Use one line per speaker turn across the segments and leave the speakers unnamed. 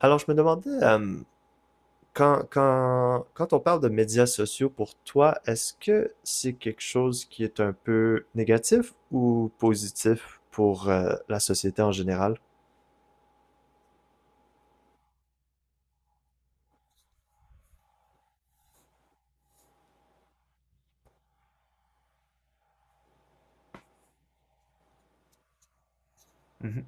Alors, je me demandais, quand on parle de médias sociaux pour toi, est-ce que c'est quelque chose qui est un peu négatif ou positif pour la société en général? Mhm.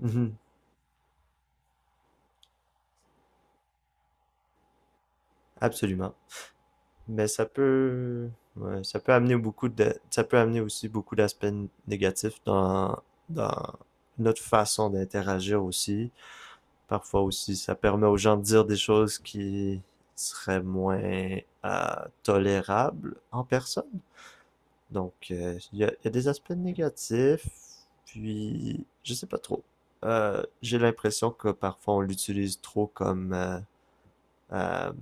Mhm, absolument. Mais ça peut, ouais, ça peut amener beaucoup de, ça peut amener aussi beaucoup d'aspects négatifs dans notre façon d'interagir aussi, parfois aussi. Ça permet aux gens de dire des choses qui seraient moins tolérables en personne. Donc, il y a des aspects négatifs, puis je sais pas trop. J'ai l'impression que parfois on l'utilise trop comme, euh,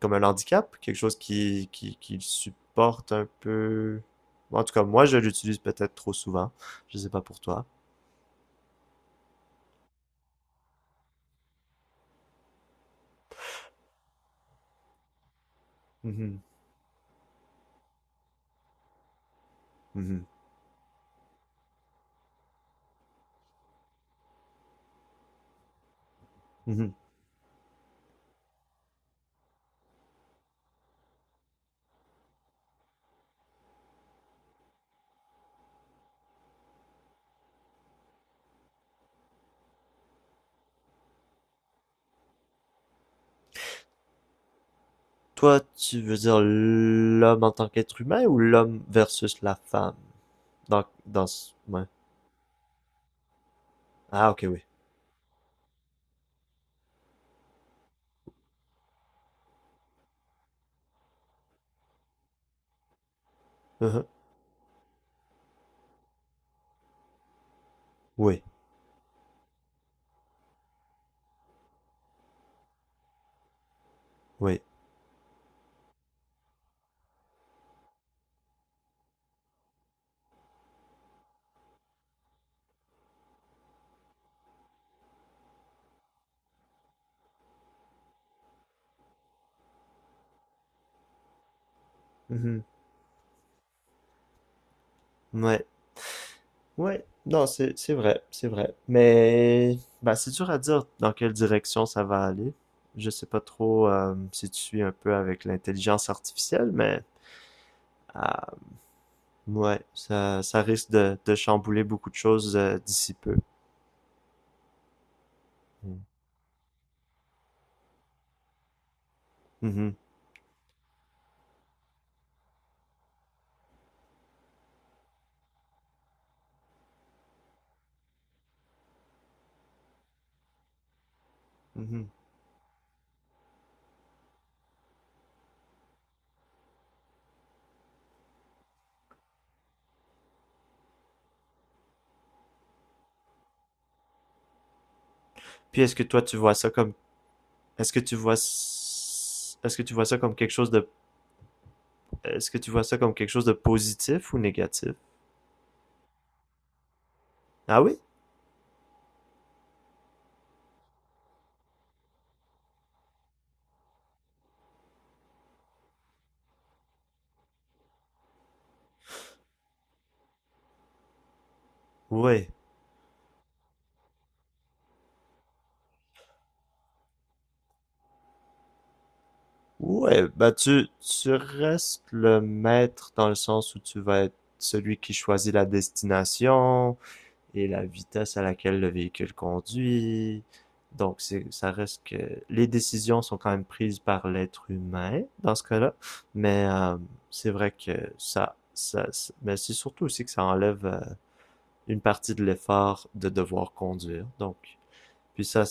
comme un handicap, quelque chose qui supporte un peu. En tout cas, moi, je l'utilise peut-être trop souvent. Je sais pas pour toi. Mhm, mhm, mhm. Toi, tu veux dire l'homme en tant qu'être humain ou l'homme versus la femme? Ouais. Ah, ok, oui. Uh-huh, oui, oui. Mhm. Ouais, ouais. Non, c'est vrai, c'est vrai. Mais, bah, c'est dur à dire dans quelle direction ça va aller. Je sais pas trop si tu suis un peu avec l'intelligence artificielle, mais, ah, ouais, ça risque de chambouler beaucoup de choses d'ici peu. Mm. Mhm. Mhm. Puis est-ce que toi, tu vois ça comme. Est-ce que tu vois, est-ce que tu vois ça comme quelque chose de, est-ce que tu vois ça comme quelque chose de positif ou négatif? Ah oui? Ouais. Ouais, bah tu restes le maître dans le sens où tu vas être celui qui choisit la destination et la vitesse à laquelle le véhicule conduit. Donc c'est, ça reste que les décisions sont quand même prises par l'être humain dans ce cas-là, mais c'est vrai que ça ça, ça- mais c'est surtout aussi que ça enlève une partie de l'effort de devoir conduire. Donc, puis ça,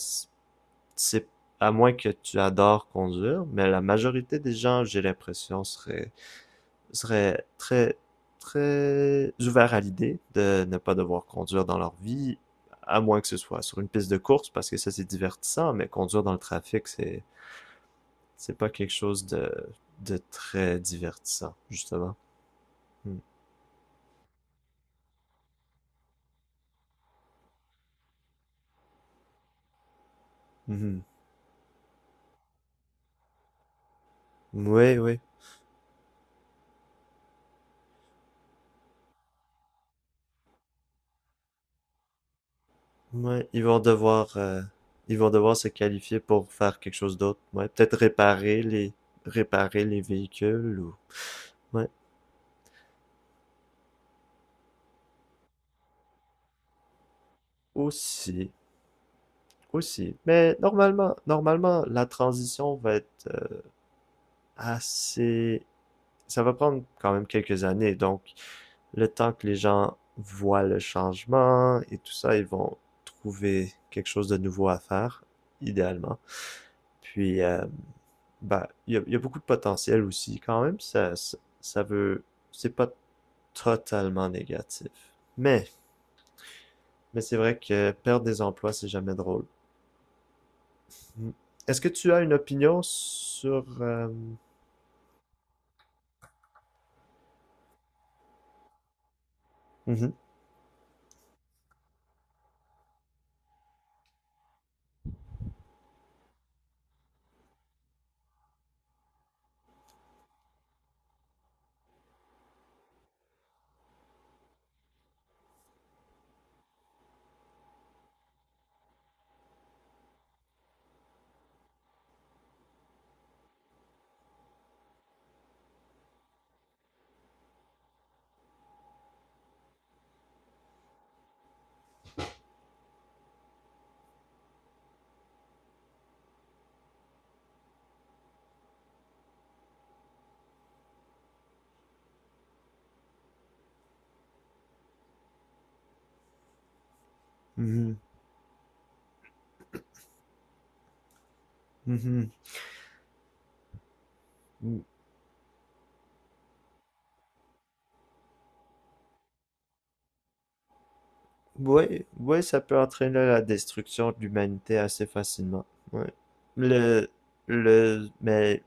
c'est à moins que tu adores conduire, mais la majorité des gens, j'ai l'impression, seraient, seraient très, très ouverts à l'idée de ne pas devoir conduire dans leur vie, à moins que ce soit sur une piste de course, parce que ça, c'est divertissant, mais conduire dans le trafic, c'est pas quelque chose de très divertissant, justement. Mm. Mhm. Oui, oui. Ouais, ils vont devoir se qualifier pour faire quelque chose d'autre. Ouais, peut-être réparer les véhicules ou, ouais, aussi, aussi. Mais normalement, normalement, la transition va être assez, ça va prendre quand même quelques années. Donc, le temps que les gens voient le changement et tout ça, ils vont trouver quelque chose de nouveau à faire, idéalement. Puis, bah, il y a beaucoup de potentiel aussi, quand même. Ça veut. C'est pas totalement négatif. Mais, mais c'est vrai que perdre des emplois, c'est jamais drôle. Mm. Est-ce que tu as une opinion sur. Mhm, mhm, mhm, mm. Oui, oui, ça peut entraîner la destruction de l'humanité assez facilement. Ouais. Le, mais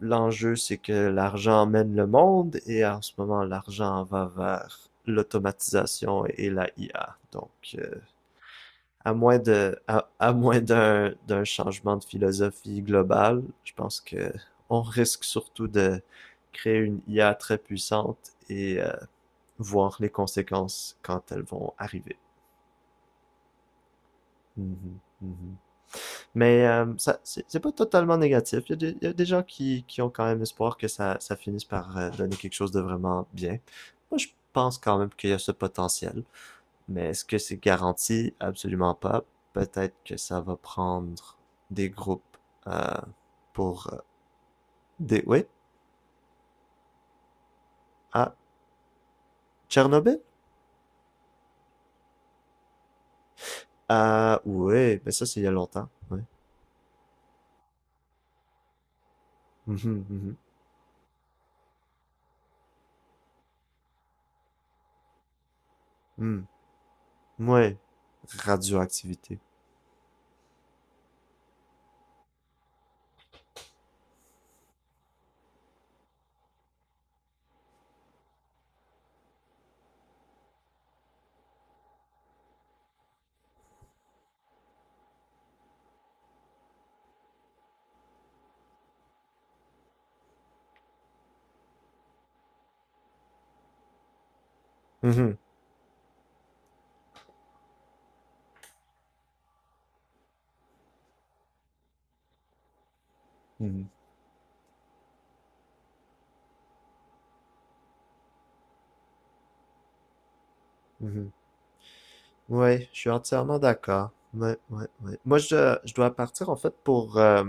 l'enjeu, c'est que l'argent mène le monde et en ce moment, l'argent va vers l'automatisation et la IA. Donc, à moins de, à moins d'un, d'un changement de philosophie globale, je pense que on risque surtout de créer une IA très puissante et voir les conséquences quand elles vont arriver. Mhm, mhm. Mais ça, c'est pas totalement négatif. Il y a des, il y a des gens qui ont quand même espoir que ça finisse par donner quelque chose de vraiment bien. Moi, je pense quand même qu'il y a ce potentiel. Mais est-ce que c'est garanti? Absolument pas. Peut-être que ça va prendre des groupes euh, pour... des... Oui? Ah, Tchernobyl? Ah, oui, mais ça, c'est il y a longtemps. Oui. Mhm, mhm. Hmm. Ouais. Radioactivité. Mhm, mhm, mhm. Ouais, je suis entièrement d'accord. Ouais, ouais, ouais. Moi, je dois partir en fait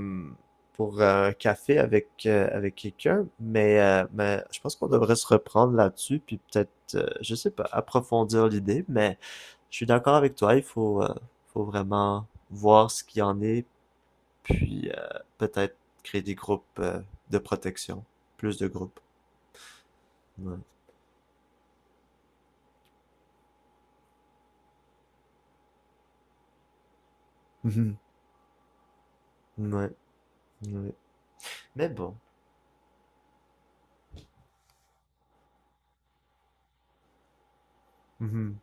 pour un café avec, avec quelqu'un, mais je pense qu'on devrait se reprendre là-dessus, puis peut-être, je sais pas, approfondir l'idée, mais je suis d'accord avec toi, il faut, faut vraiment voir ce qu'il y en est, puis peut-être créer des groupes de protection, plus de groupes. Ouais. Mhm. Ouais, ouais. Mais bon. Mhm.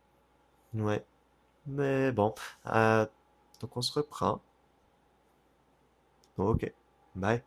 Ouais. Mais bon, euh, donc on se reprend. Ok, bye.